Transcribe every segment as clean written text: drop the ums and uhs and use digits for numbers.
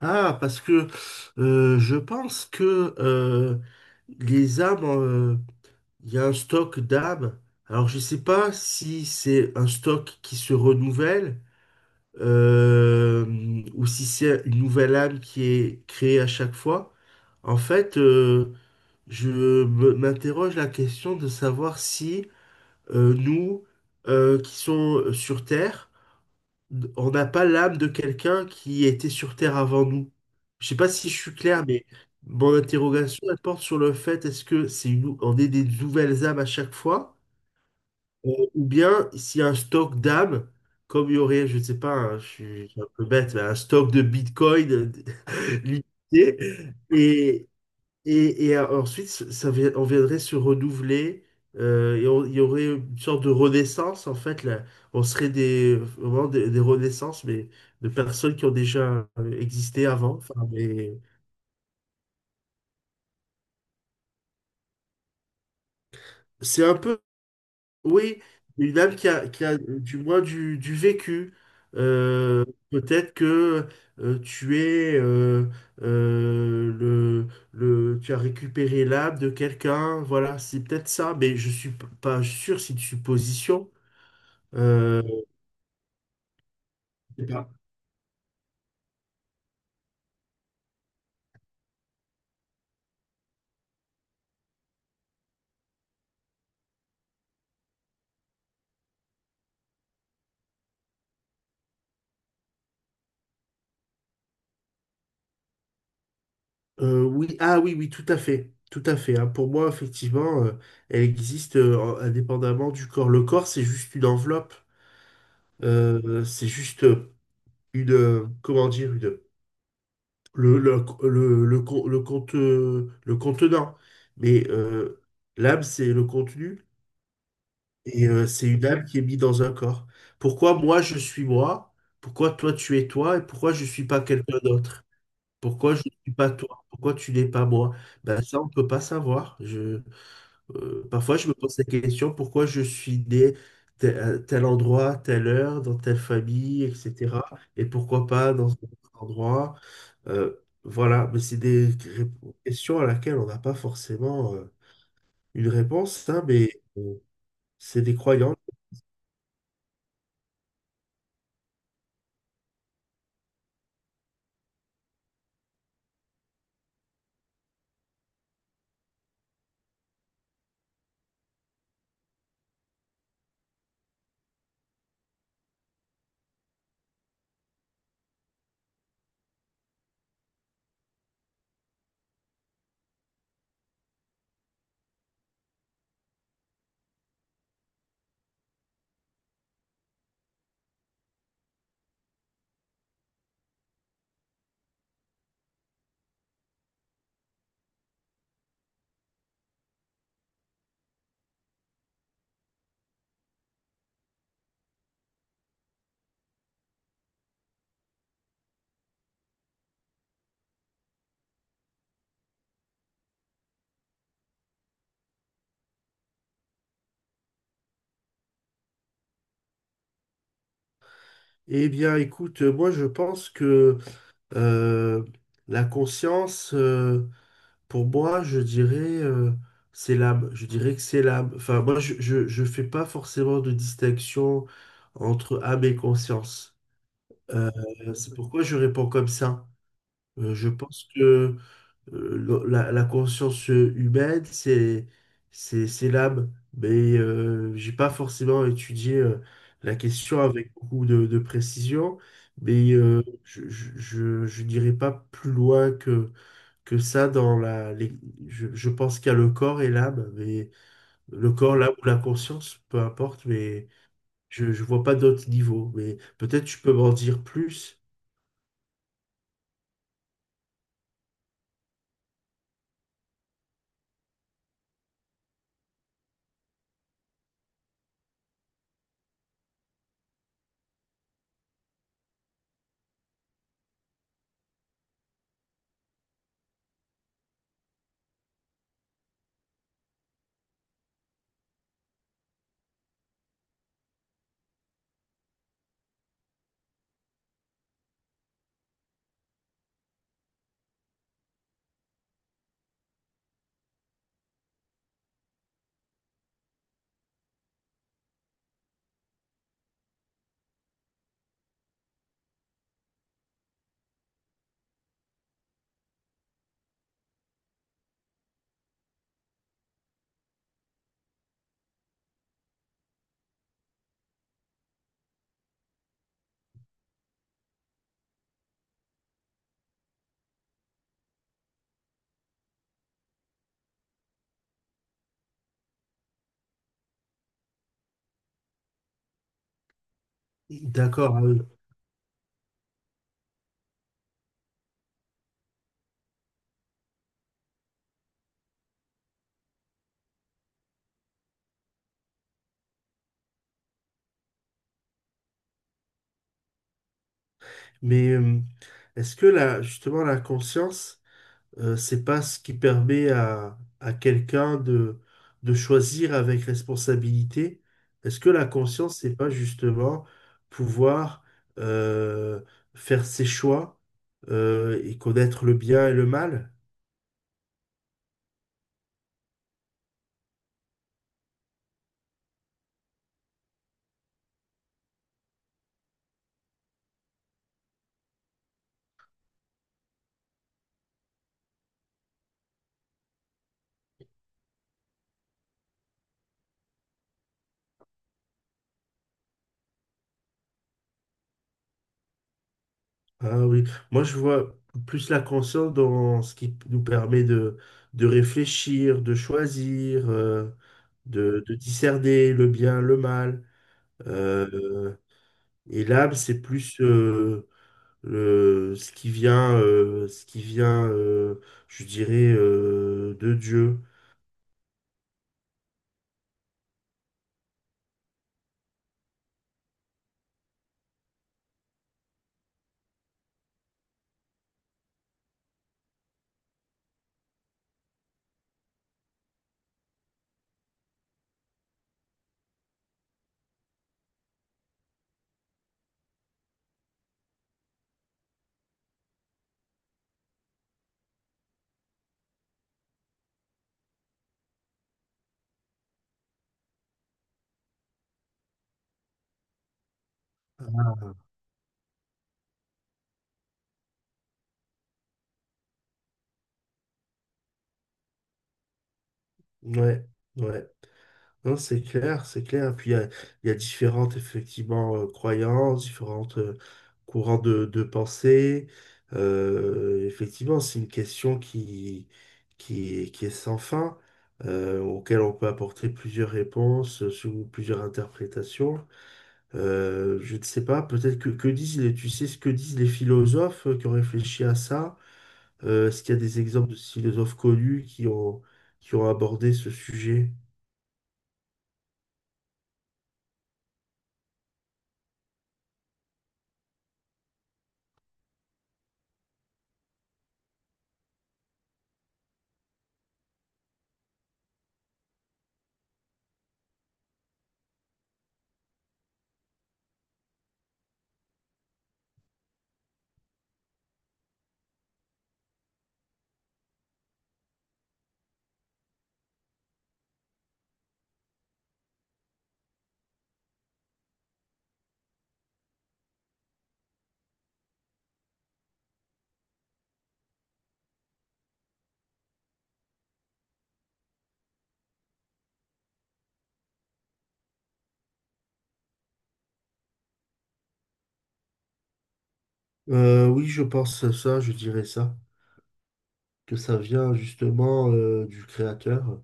Ah, parce que je pense que les âmes, il y a un stock d'âmes. Alors, je ne sais pas si c'est un stock qui se renouvelle, euh, ou si c'est une nouvelle âme qui est créée à chaque fois. En fait, m'interroge la question de savoir si nous, qui sommes sur Terre, on n'a pas l'âme de quelqu'un qui était sur Terre avant nous. Je sais pas si je suis clair, mais mon interrogation, elle porte sur le fait, est-ce que on est des nouvelles âmes à chaque fois, ou bien s'il y a un stock d'âmes, comme il y aurait, je ne sais pas, hein, je suis un peu bête, mais un stock de Bitcoin, limité, et, et ensuite, ça, on viendrait se renouveler, et il y aurait une sorte de renaissance, en fait, là. On serait des, vraiment des renaissances, mais de personnes qui ont déjà existé avant. Enfin, mais c'est un peu, oui, une âme qui a du moins du vécu. Euh, peut-être que tu es euh, le, tu as récupéré l'âme de quelqu'un, voilà, c'est peut-être ça, mais je suis pas sûr, c'est une supposition. Euh, je sais pas. Oui, ah oui, oui, tout à fait. Tout à fait, hein. Pour moi, effectivement, elle existe indépendamment du corps. Le corps, c'est juste une enveloppe. C'est juste une, comment dire, une, le contenant. Mais l'âme, c'est le contenu, et c'est une âme qui est mise dans un corps. Pourquoi moi, je suis moi? Pourquoi toi, tu es toi? Et pourquoi je suis pas quelqu'un d'autre? Pourquoi je ne suis pas toi? Pourquoi tu n'es pas moi? Ben, ça, on ne peut pas savoir. Parfois, je me pose la question, pourquoi je suis né tel, à tel endroit, telle heure, dans telle famille, etc. Et pourquoi pas dans un autre endroit? Euh, voilà, mais c'est des questions à laquelle on n'a pas forcément une réponse, hein, mais euh, c'est des croyances. Eh bien, écoute, moi, je pense que euh, la conscience... Pour moi, je dirais euh, syllabe. Je dirais que syllabe. Enfin, moi, je fais pas forcément de distinction entre âme et conscience. Euh, c'est pourquoi je réponds comme ça. Je pense que la conscience humaine, c'est l'âme. Mais j'ai pas forcément étudié la question avec beaucoup de précision. Mais je dirais pas plus loin que ça dans la... je pense qu'il y a le corps et l'âme, mais le corps, l'âme ou la conscience, peu importe, mais je ne vois pas d'autres niveaux. Mais peut-être tu peux m'en dire plus. D'accord, ah oui. Mais est-ce que là, justement, la conscience... c'est pas ce qui permet à quelqu'un de choisir avec responsabilité. Est-ce que la conscience, c'est pas justement pouvoir euh, faire ses choix, et connaître le bien et le mal? Ah oui, moi je vois plus la conscience dans ce qui nous permet de réfléchir, de choisir, de discerner le bien, le mal. Euh, et l'âme, c'est plus le, ce qui vient, je dirais, de Dieu. Ouais, ouais. Non, c'est clair, c'est clair. Puis il y a différentes, effectivement, croyances, différentes courants de pensée. Effectivement, c'est une question qui est sans fin, auquel on peut apporter plusieurs réponses, sous plusieurs interprétations. Je ne sais pas, peut-être que disent les, tu sais ce que disent les philosophes qui ont réfléchi à ça? Est-ce qu'il y a des exemples de philosophes connus qui ont abordé ce sujet? Oui, je pense à ça, je dirais ça, que ça vient justement du créateur.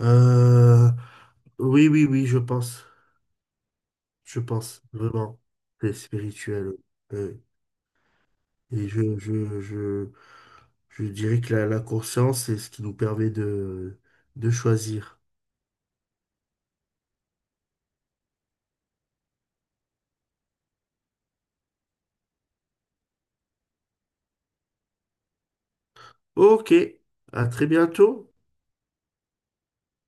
Euh, oui, oui, oui, je pense, vraiment, c'est spirituel. Euh, et je dirais que la conscience, c'est ce qui nous permet de choisir. Ok, à très bientôt.